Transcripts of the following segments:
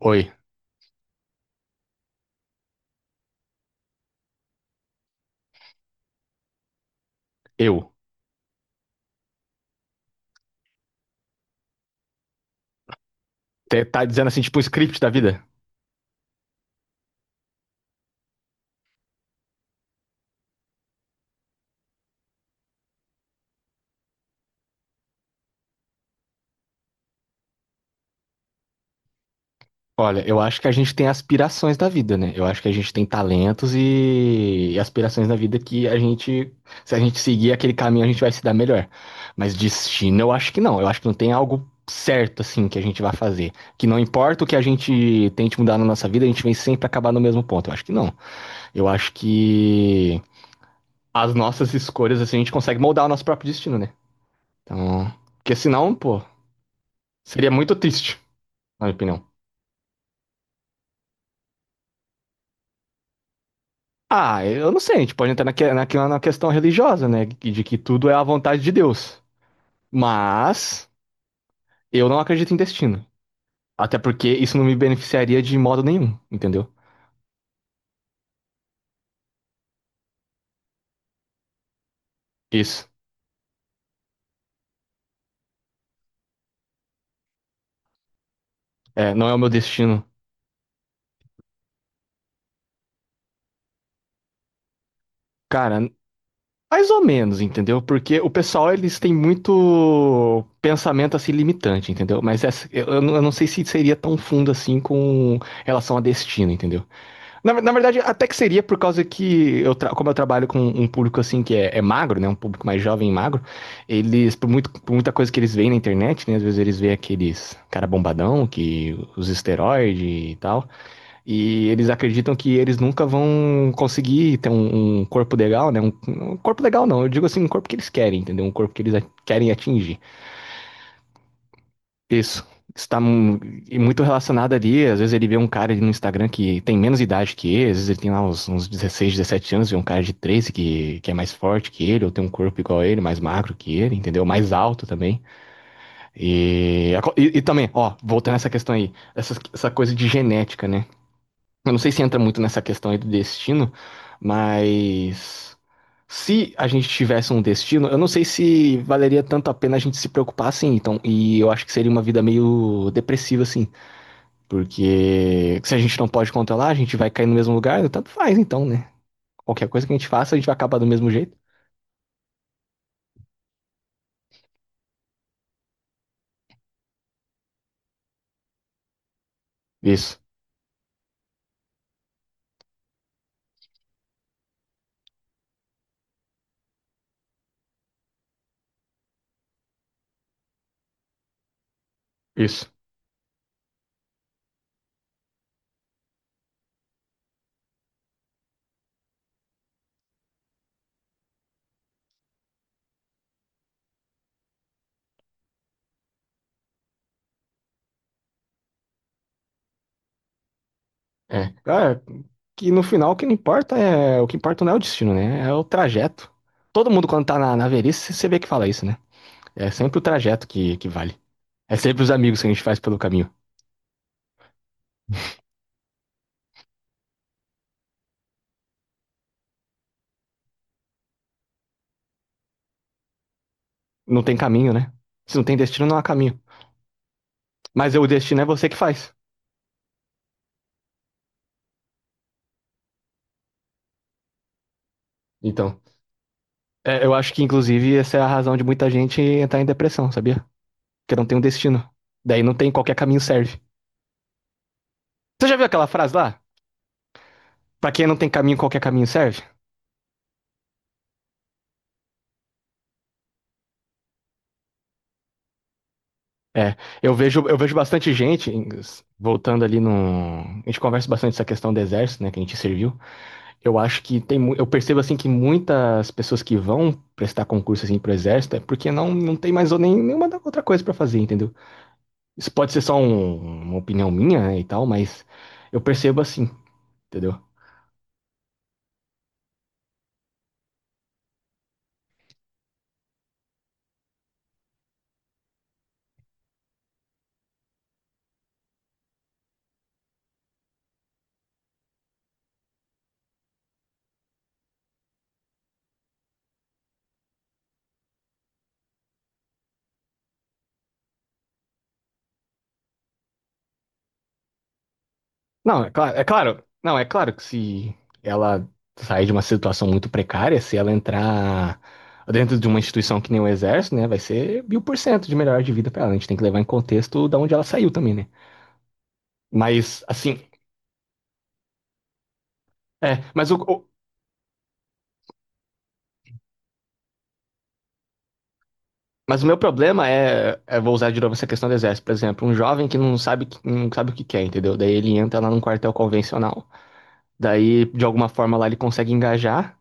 Oi, eu. Tá dizendo assim, tipo, o script da vida? Olha, eu acho que a gente tem aspirações da vida, né? Eu acho que a gente tem talentos e aspirações da vida que a gente, se a gente seguir aquele caminho, a gente vai se dar melhor. Mas destino, eu acho que não. Eu acho que não tem algo certo, assim, que a gente vai fazer. Que não importa o que a gente tente mudar na nossa vida, a gente vem sempre acabar no mesmo ponto. Eu acho que não. Eu acho que as nossas escolhas, assim, a gente consegue moldar o nosso próprio destino, né? Então, porque senão, pô, seria muito triste, na minha opinião. Ah, eu não sei, a gente pode entrar naque- naquela na questão religiosa, né? De que tudo é a vontade de Deus. Mas eu não acredito em destino. Até porque isso não me beneficiaria de modo nenhum, entendeu? Isso. É, não é o meu destino. Cara, mais ou menos, entendeu? Porque o pessoal, eles têm muito pensamento assim limitante, entendeu? Mas eu não sei se seria tão fundo assim com relação a destino, entendeu? Na, na verdade, até que seria por causa que, como eu trabalho com um público assim que é magro, né? Um público mais jovem e magro, eles, por, muito, por muita coisa que eles veem na internet, né? Às vezes eles veem aqueles cara bombadão, que os esteroides e tal, e eles acreditam que eles nunca vão conseguir ter um corpo legal, né? Um corpo legal não, eu digo assim, um corpo que eles querem, entendeu? Um corpo que eles querem atingir. Isso. Está mu- e muito relacionado ali. Às vezes ele vê um cara ali no Instagram que tem menos idade que ele, às vezes ele tem lá uns 16, 17 anos, vê um cara de 13 que é mais forte que ele, ou tem um corpo igual a ele, mais magro que ele, entendeu? Mais alto também. E também, ó, voltando a essa questão aí, essa coisa de genética, né? Eu não sei se entra muito nessa questão aí do destino, mas se a gente tivesse um destino, eu não sei se valeria tanto a pena a gente se preocupar assim. Então, e eu acho que seria uma vida meio depressiva assim, porque se a gente não pode controlar, a gente vai cair no mesmo lugar, tanto faz então, né? Qualquer coisa que a gente faça, a gente vai acabar do mesmo jeito. Isso, isso. É. Cara, que no final o que não importa é, o que importa não é o destino, né? É o trajeto. Todo mundo quando tá na, na velhice, você vê que fala isso, né? É sempre o trajeto que vale. É sempre os amigos que a gente faz pelo caminho. Não tem caminho, né? Se não tem destino, não há caminho. Mas o destino é você que faz. Então, é, eu acho que, inclusive, essa é a razão de muita gente entrar em depressão, sabia? Porque não tem um destino. Daí não tem qualquer caminho serve. Você já viu aquela frase lá? Pra quem não tem caminho, qualquer caminho serve? É, eu vejo bastante gente, voltando ali no. A gente conversa bastante essa questão do exército, né? Que a gente serviu. Eu acho que tem, mu- eu percebo assim que muitas pessoas que vão prestar concurso assim pro exército é porque não tem mais ou nem, nenhuma outra coisa pra fazer, entendeu? Isso pode ser só uma opinião minha, né, e tal, mas eu percebo assim, entendeu? Não, é claro, não, é claro que se ela sair de uma situação muito precária, se ela entrar dentro de uma instituição que nem o exército, né, vai ser 1000% de melhor de vida pra ela. A gente tem que levar em contexto da onde ela saiu também, né? Mas assim, é, mas o-. Mas o meu problema é, vou usar de novo essa questão do exército, por exemplo, um jovem que não sabe, não sabe o que quer, entendeu? Daí ele entra lá num quartel convencional. Daí, de alguma forma, lá ele consegue engajar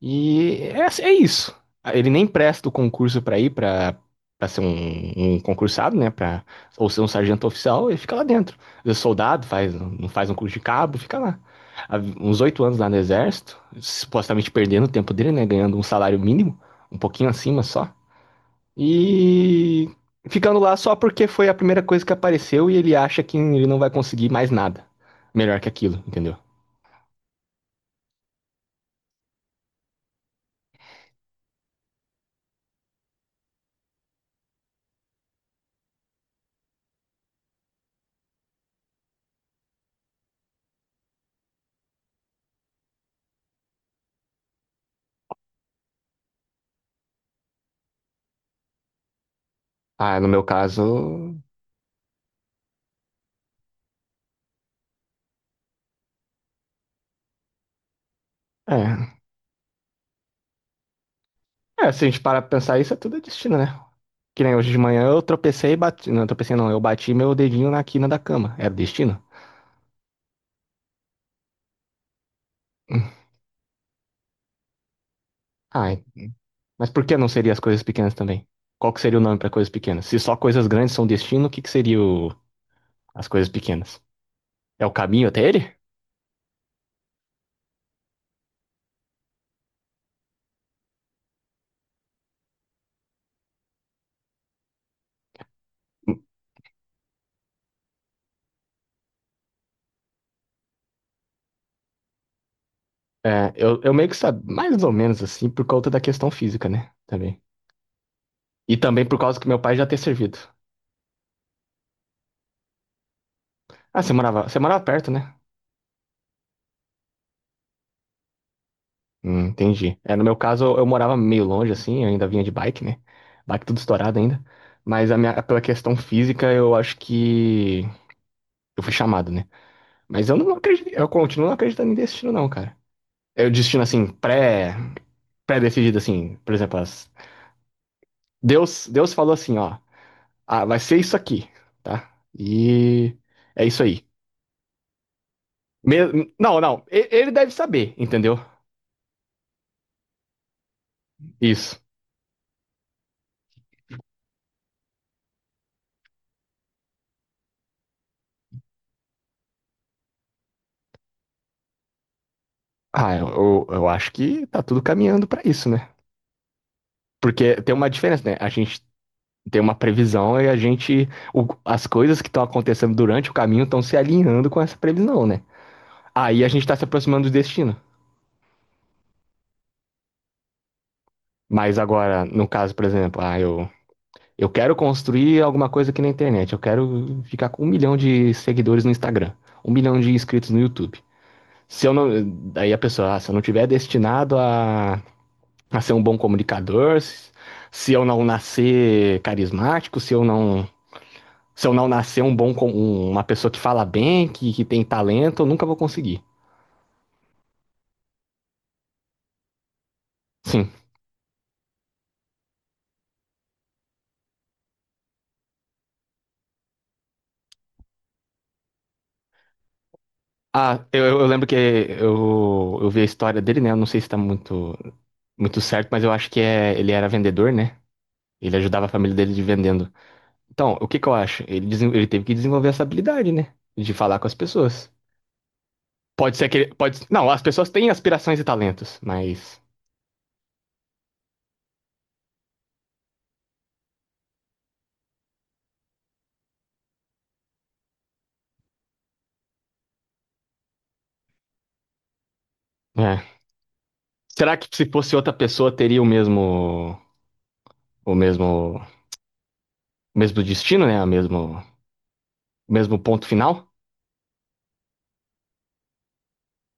e é, assim, é isso. Ele nem presta o concurso pra ir pra para ser um concursado, né? Ou ser um sargento oficial e fica lá dentro. Às vezes soldado, faz, não faz um curso de cabo, fica lá. Há uns 8 anos lá no exército, supostamente perdendo o tempo dele, né? Ganhando um salário mínimo, um pouquinho acima só. E ficando lá só porque foi a primeira coisa que apareceu e ele acha que ele não vai conseguir mais nada melhor que aquilo, entendeu? Ah, no meu caso, é. É, se a gente parar pra pensar isso, é tudo destino, né? Que nem hoje de manhã eu tropecei e bati. Não, tropecei não, eu bati meu dedinho na quina da cama. Era destino? Hum. Ai, mas por que não seria as coisas pequenas também? Qual que seria o nome pra coisas pequenas? Se só coisas grandes são destino, o que que seria o... as coisas pequenas? É o caminho até ele? É, eu meio que sabia, mais ou menos assim, por conta da questão física, né? Também. E também por causa que meu pai já ter servido. Ah, você morava perto, né? Entendi. É, no meu caso, eu morava meio longe, assim, eu ainda vinha de bike, né? Bike tudo estourado ainda. Mas a minha, pela questão física, eu acho que eu fui chamado, né? Mas eu não acredito, eu continuo não acreditando em destino, não, cara. É o destino, assim, pré-decidido, assim, por exemplo, as- Deus, Deus falou assim, ó, ah, vai ser isso aqui, tá? E é isso aí. Não, não. Ele deve saber, entendeu? Isso. Ah, eu acho que tá tudo caminhando pra isso, né? Porque tem uma diferença, né? A gente tem uma previsão e as coisas que estão acontecendo durante o caminho estão se alinhando com essa previsão, né? Aí a gente tá se aproximando do destino. Mas agora, no caso, por exemplo, ah, eu quero construir alguma coisa aqui na internet. Eu quero ficar com 1 milhão de seguidores no Instagram, 1 milhão de inscritos no YouTube. Se eu não. Daí a pessoa, ah, se eu não tiver destinado a para ser um bom comunicador, se eu não nascer carismático, se eu não, se eu não nascer uma pessoa que fala bem, que tem talento, eu nunca vou conseguir. Sim. Ah, eu lembro que eu vi a história dele, né? Eu não sei se tá muito, muito certo, mas eu acho que é, ele era vendedor, né? Ele ajudava a família dele de vendendo. Então, o que que eu acho? Ele teve que desenvolver essa habilidade, né? De falar com as pessoas. Pode ser que ele, pode, não, as pessoas têm aspirações e talentos, mas, é. Será que se fosse outra pessoa teria o mesmo, o mesmo destino, né? O mesmo ponto final?